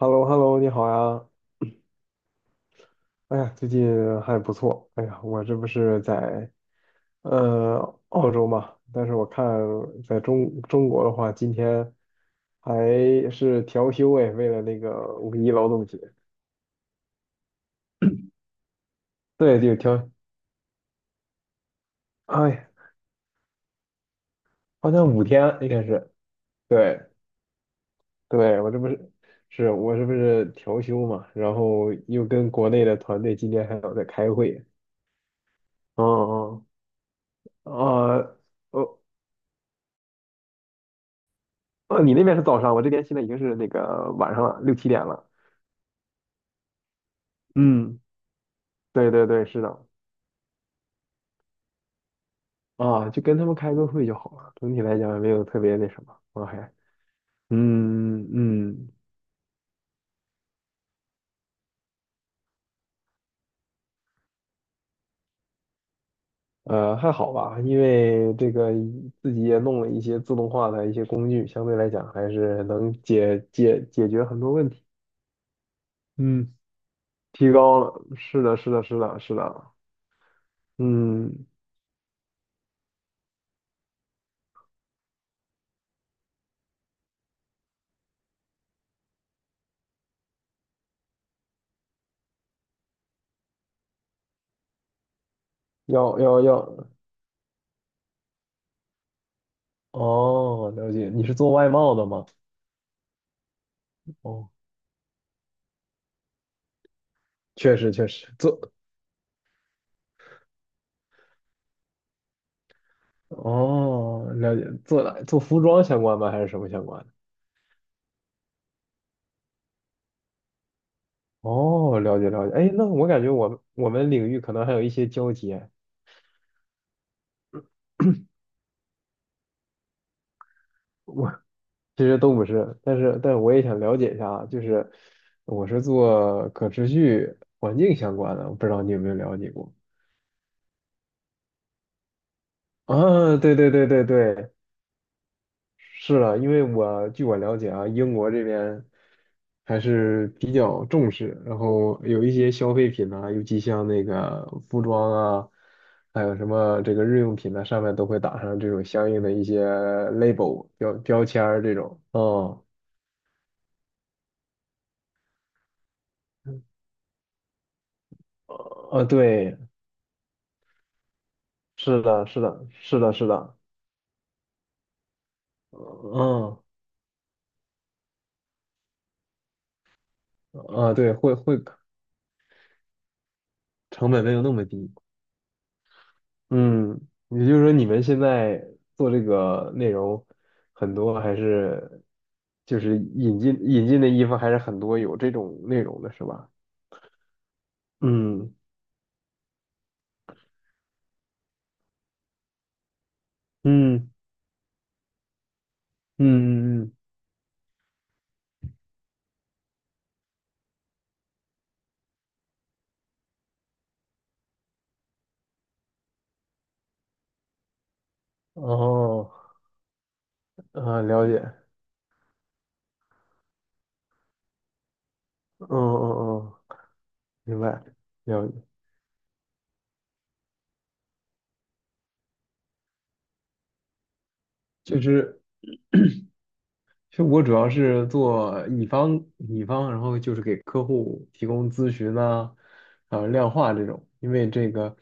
h e l l o h e l l o 你好呀！哎呀，最近还不错。哎呀，我这不是在呃澳洲嘛，但是我看在中国的话，今天还是调休哎，为了那个五一劳动节。对，就调，哎，好像五天应该是。对，对，我这不是是我这不是调休嘛，然后又跟国内的团队今天还要在开会。嗯嗯啊，呃哦，你那边是早上，我这边现在已经是那个晚上了，六七点了。嗯，对对对，是的，啊，就跟他们开个会就好了，整体来讲也没有特别那什么，我还，嗯嗯，还好吧，因为这个自己也弄了一些自动化的一些工具，相对来讲还是能解决很多问题，嗯，提高了，是的，是的，是的，是的，嗯，要要要，哦，了解，你是做外贸的吗？哦，确实确实，做哦，了解，做哪做服装相关吗？还是什么相关的？哦，了解了解。哎，那我感觉我们领域可能还有一些交集。我其实都不是，但是我也想了解一下啊，就是我是做可持续环境相关的，我不知道你有没有了解过？啊，对对对对对，是啊，因为我据我了解啊，英国这边还是比较重视，然后有一些消费品啊，尤其像那个服装啊，还有什么这个日用品呢、上面都会打上这种相应的一些 label 标签儿这种。哦，呃，对，是的，是的，是的，是的，嗯，啊，对，会会成本没有那么低。嗯，也就是说你们现在做这个内容，很多还是就是引进的衣服还是很多有这种内容的是吧？嗯嗯嗯嗯嗯，哦，啊，了解，嗯嗯嗯，明白，了解，就是其实我主要是做乙方，乙方，然后就是给客户提供咨询啊，啊，量化这种，因为这个，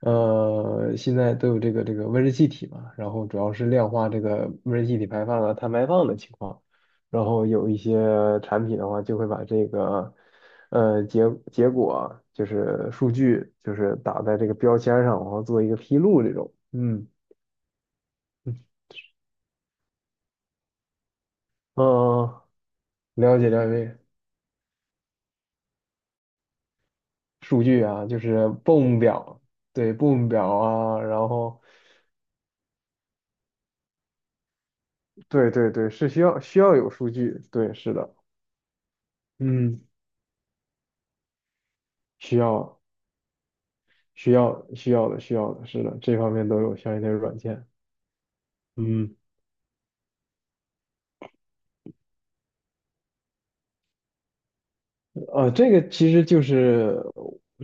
呃，现在都有这个温室气体嘛，然后主要是量化这个温室气体排放啊、碳排放的情况，然后有一些产品的话，就会把这个，呃，结结果啊就是数据，就是打在这个标签上，然后做一个披露这种，嗯嗯，了解了解，数据啊，就是 BOOM 表，对 BOOM 表啊，然后对对对，是需要有数据，对，是的，嗯，需要需要的需要的，是的，这方面都有相应的软件，嗯，这个其实就是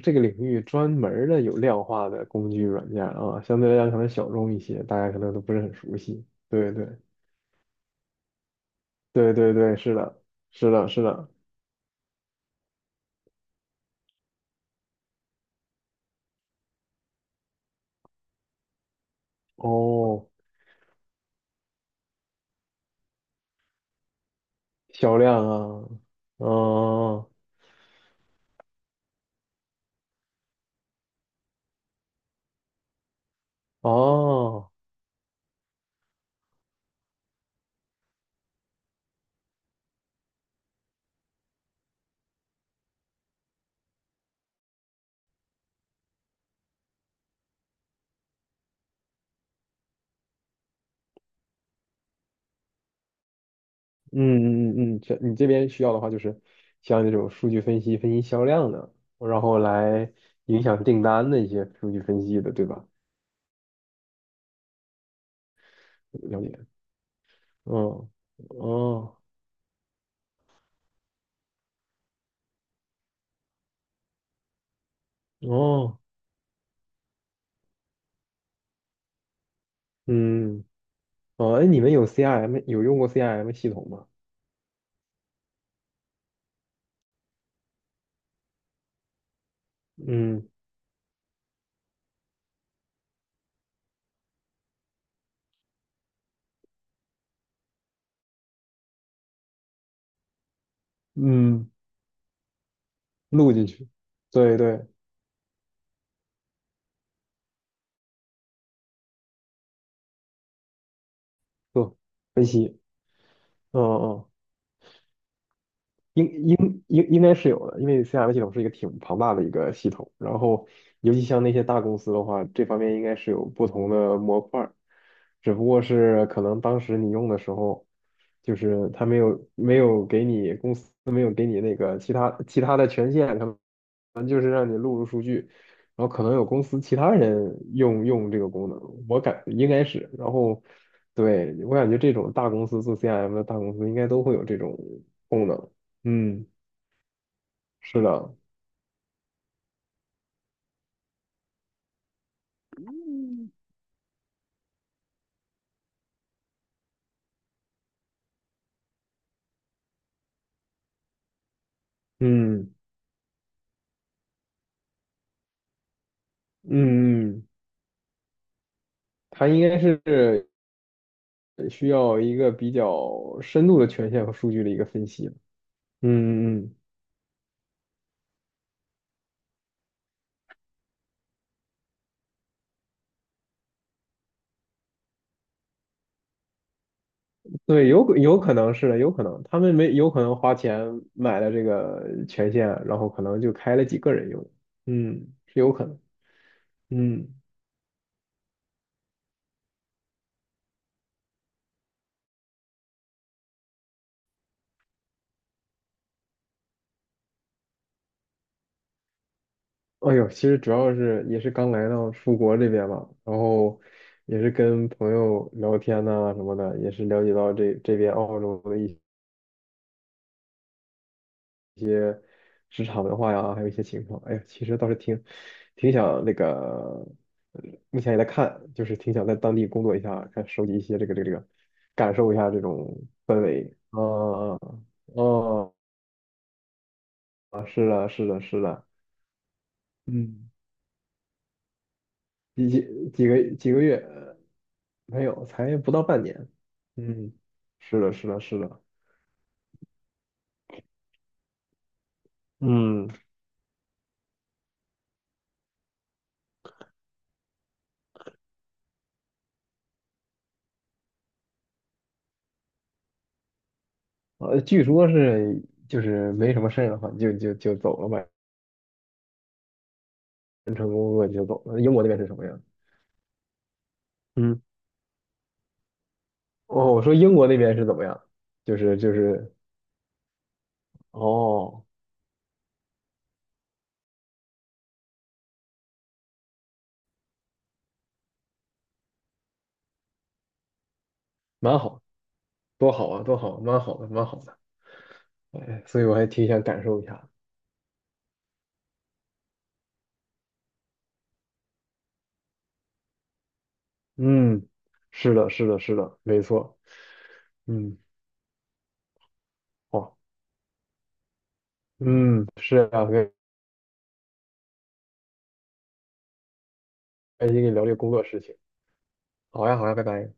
这个领域专门儿的有量化的工具软件啊，相对来讲可能小众一些，大家可能都不是很熟悉，对对对对对，是的，是的，是的，哦，销量啊，嗯。哦，嗯嗯嗯嗯，这你这边需要的话，就是像这种数据分析、分析销量的，然后来影响订单的一些数据分析的，对吧？了解。嗯，哦哦，嗯哦，哎，你们有 CRM 有用过 CRM 系统吗？嗯嗯，录进去，对对，做分析，嗯嗯。哦应该是有的，因为 CRM 系统是一个挺庞大的一个系统，然后尤其像那些大公司的话，这方面应该是有不同的模块儿，只不过是可能当时你用的时候，就是它没有给你公司没有给你那个其他的权限，可能就是让你录入数据，然后可能有公司其他人用这个功能，我感应该是，然后对我感觉这种大公司做 CRM 的大公司应该都会有这种功能。嗯，是的，嗯嗯嗯，它应该是需要一个比较深度的权限和数据的一个分析。嗯嗯嗯，对，有可能是的，有可能他们没有可能花钱买了这个权限，然后可能就开了几个人用。嗯，是有可能。嗯，哎呦，其实主要是也是刚来到出国这边嘛，然后也是跟朋友聊天呐、什么的，也是了解到这边澳洲的一些。职场文化呀，还有一些情况。哎呀，其实倒是挺想那个，呃目前也在看，就是挺想在当地工作一下，看收集一些这个，感受一下这种氛围。啊啊啊！是的，是的，是的，嗯，几几几个几个月没有，才不到半年。嗯，是的，是的，是的。嗯，据说是就是没什么事儿的话，就走了吧，完成工作就走了。英国那边是什么样？嗯。哦，我说英国那边是怎么样？就是哦，蛮好，多好啊，多好，蛮好的，蛮好的。哎，所以我还挺想感受一下的。嗯，是的，是的，是的，没错。嗯，好，嗯，是啊，很开心跟你聊这个工作事情。好呀，好呀，拜拜。